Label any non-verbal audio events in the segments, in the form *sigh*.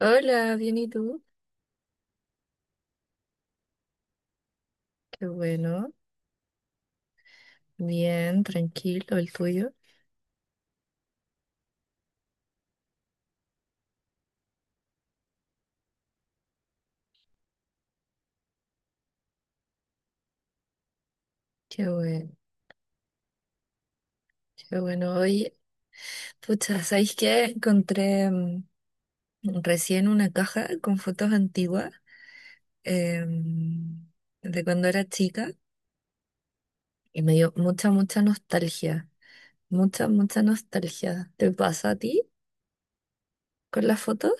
Hola, bien, ¿y tú? Qué bueno, bien, tranquilo, el tuyo. Qué bueno, qué bueno. Oye, pucha, ¿sabéis qué? Encontré recién una caja con fotos antiguas em, de cuando era chica y me dio mucha, mucha nostalgia. Mucha, mucha nostalgia. ¿Te pasa a ti con las fotos?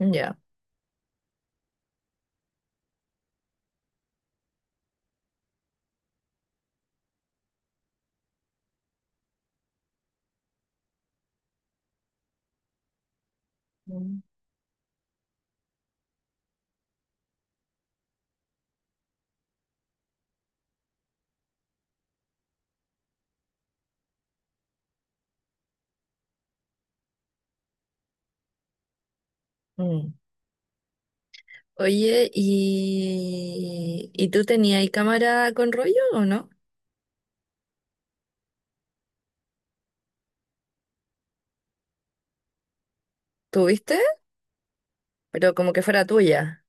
Ya. Mm. Mm. Oye, ¿y tú tenías cámara con rollo o no? ¿Tuviste? Pero como que fuera tuya.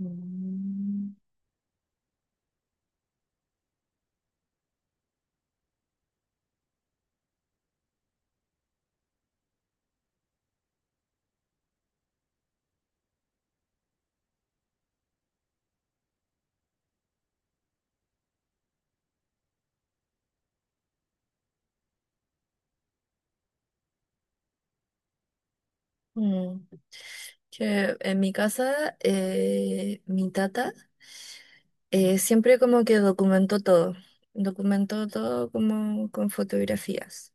Mm. Mm, Que en mi casa, mi tata siempre como que documentó todo como con fotografías.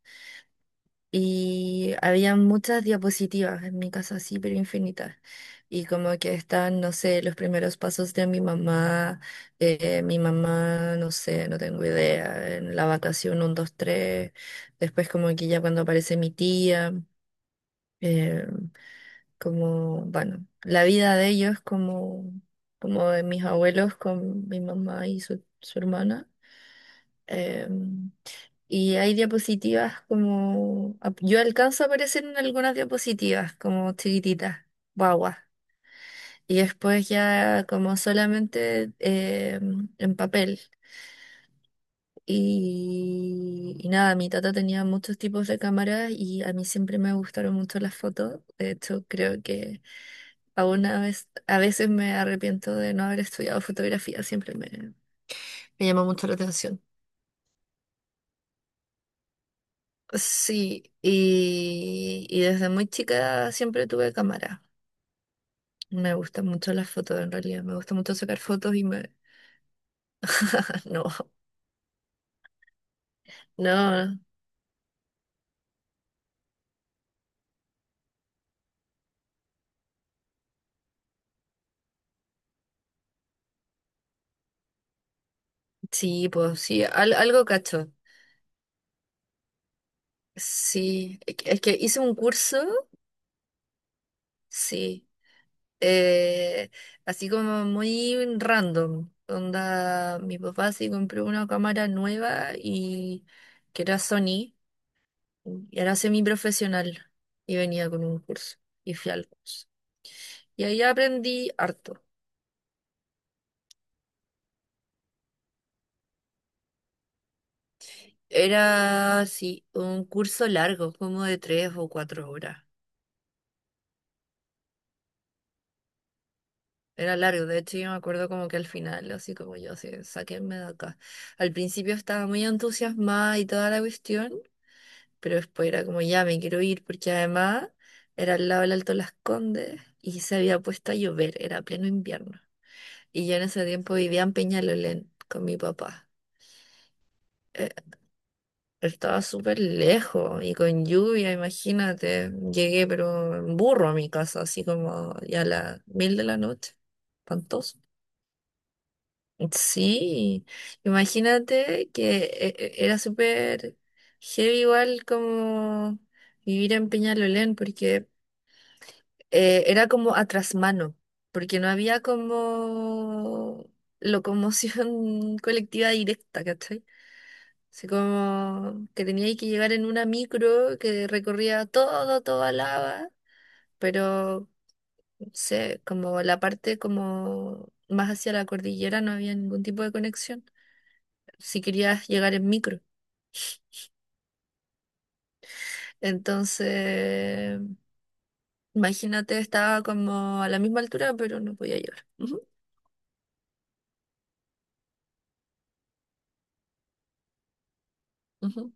Y había muchas diapositivas en mi casa, así, pero infinitas. Y como que están, no sé, los primeros pasos de mi mamá, no sé, no tengo idea, en la vacación uno 2 3 después como que ya cuando aparece mi tía. eh, Como, bueno, la vida de ellos como, de mis abuelos con mi mamá y su hermana. Em, y hay diapositivas como, yo alcanzo a aparecer en algunas diapositivas como chiquititas, guaguas. Y después ya como solamente en papel. Y nada, mi tata tenía muchos tipos de cámaras y a mí siempre me gustaron mucho las fotos. De hecho, creo que aún a veces me arrepiento de no haber estudiado fotografía, siempre me llamó mucho la atención. Sí, y desde muy chica siempre tuve cámara. Me gustan mucho las fotos, en realidad. Me gusta mucho sacar fotos y me. *laughs* No, no, sí, pues sí, algo cacho. Sí, es que hice un curso, sí. eh, Así como muy random. Onda, mi papá sí compró una cámara nueva y que era Sony, y era semiprofesional y venía con un curso y fui al curso. Y ahí aprendí harto. Era, sí, un curso largo, como de 3 o 4 horas. Era largo, de hecho yo me acuerdo como que al final, así como yo, así, sáquenme de acá. Al principio estaba muy entusiasmada y toda la cuestión, pero después era como, ya me quiero ir, porque además era al lado del Alto Las Condes y se había puesto a llover, era pleno invierno. Y yo en ese tiempo vivía en Peñalolén con mi papá. Eh, Estaba súper lejos y con lluvia, imagínate. Llegué, pero en burro a mi casa, así como ya a las mil de la noche. Espantoso. Sí, imagínate que era súper heavy igual como vivir en Peñalolén, porque era como a trasmano, porque no había como locomoción *laughs* colectiva directa, ¿cachai? Así como que tenía que llegar en una micro que recorría todo, toda Lava, pero no sé, como la parte como más hacia la cordillera no había ningún tipo de conexión, si querías llegar en micro. Entonces, imagínate, estaba como a la misma altura, pero no podía llegar. Ujú, ujú.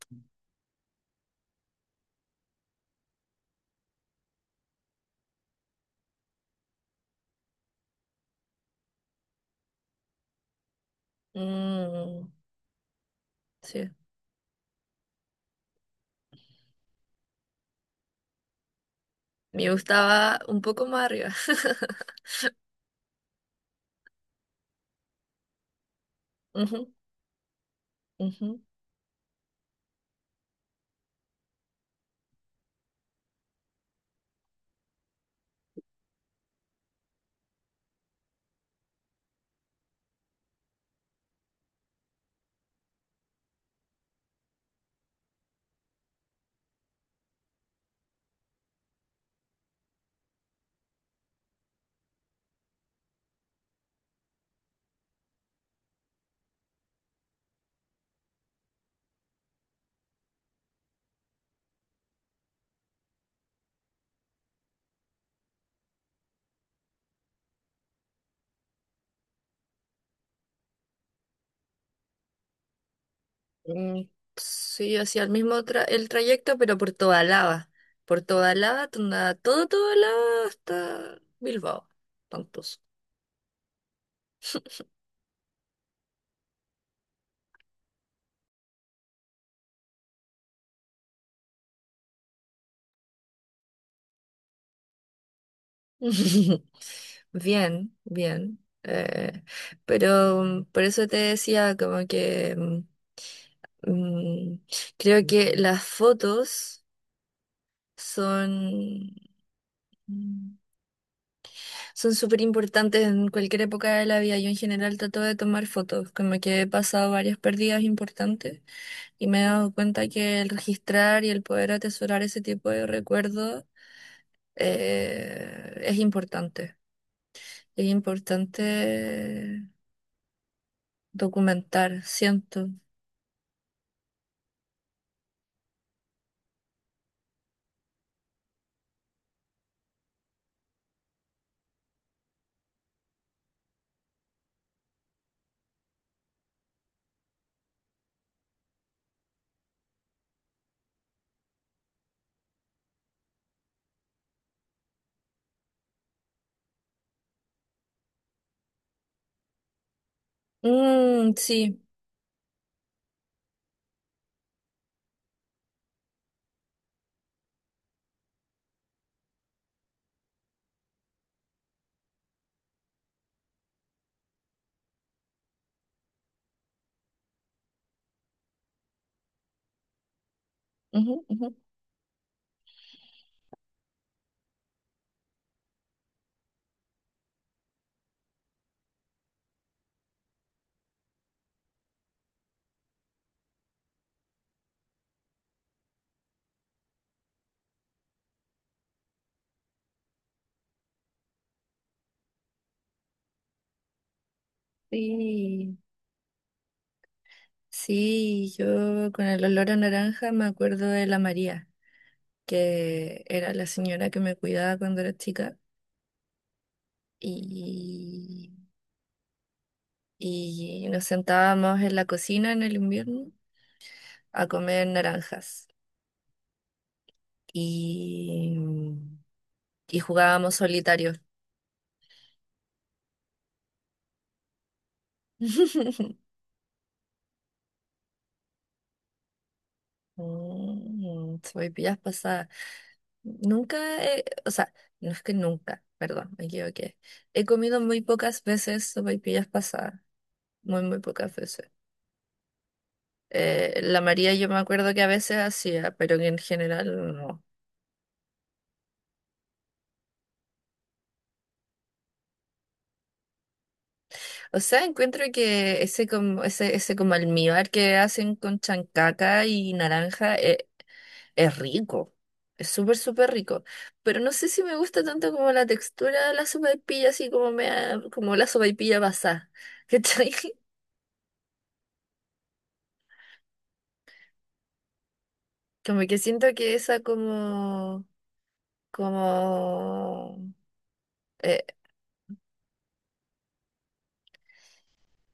Mm. Sí, me gustaba un poco más arriba. *laughs* Ujú, ujú. Mm, sí, hacía el mismo el trayecto, pero por toda lava. Por toda lava, todo, lava hasta Bilbao. Tantos. *laughs* Bien, bien. Pero por eso te decía como que mm, creo que las fotos son súper importantes en cualquier época de la vida. Yo en general trato de tomar fotos, como que he pasado varias pérdidas importantes y me he dado cuenta que el registrar y el poder atesorar ese tipo de recuerdos es importante. Es importante documentar, siento. Mm, sí. Ujú, ujú. Sí. Sí, yo con el olor a naranja me acuerdo de la María, que era la señora que me cuidaba cuando era chica. y, y nos sentábamos en la cocina en el invierno a comer naranjas y, y jugábamos solitario. *laughs* Soy pillas pasadas. Nunca, o sea, no es que nunca, perdón, me equivoqué. He comido muy pocas veces sopaipillas pasadas, muy, muy pocas veces. La María yo me acuerdo que a veces hacía, pero que en general no. O sea, encuentro que ese como, ese como almíbar que hacen con chancaca y naranja es, rico. Es súper, súper rico. Pero no sé si me gusta tanto como la textura de la sopaipilla, así como como la sopaipilla basada. ¿Cachai? *laughs* Como que siento que esa como, eh,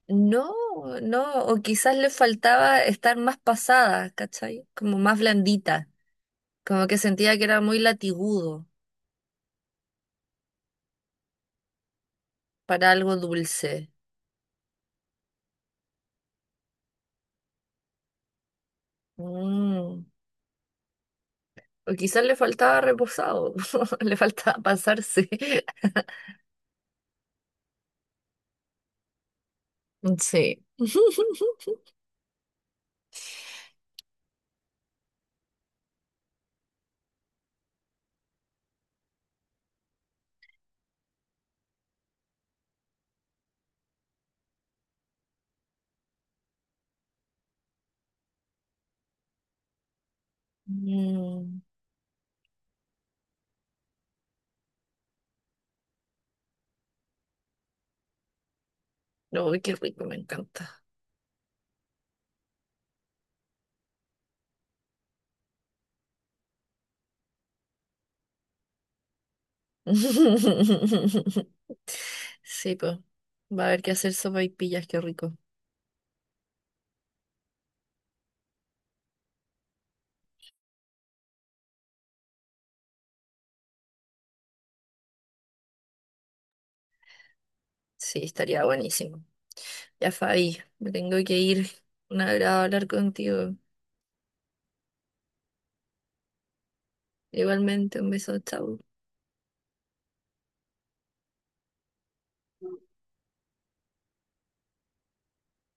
no, no, o quizás le faltaba estar más pasada, ¿cachai? Como más blandita. Como que sentía que era muy latigudo. Para algo dulce. Mm, O quizás le faltaba reposado, *laughs* le faltaba pasarse. *laughs* Sí. *laughs* Mm, no, qué rico, me encanta. *laughs* Sí, pues. Va a haber que hacer sopaipillas, qué rico. Sí, estaría buenísimo. Ya, Fabi, me tengo que ir. Un agrado hablar contigo. Igualmente, un beso, chao.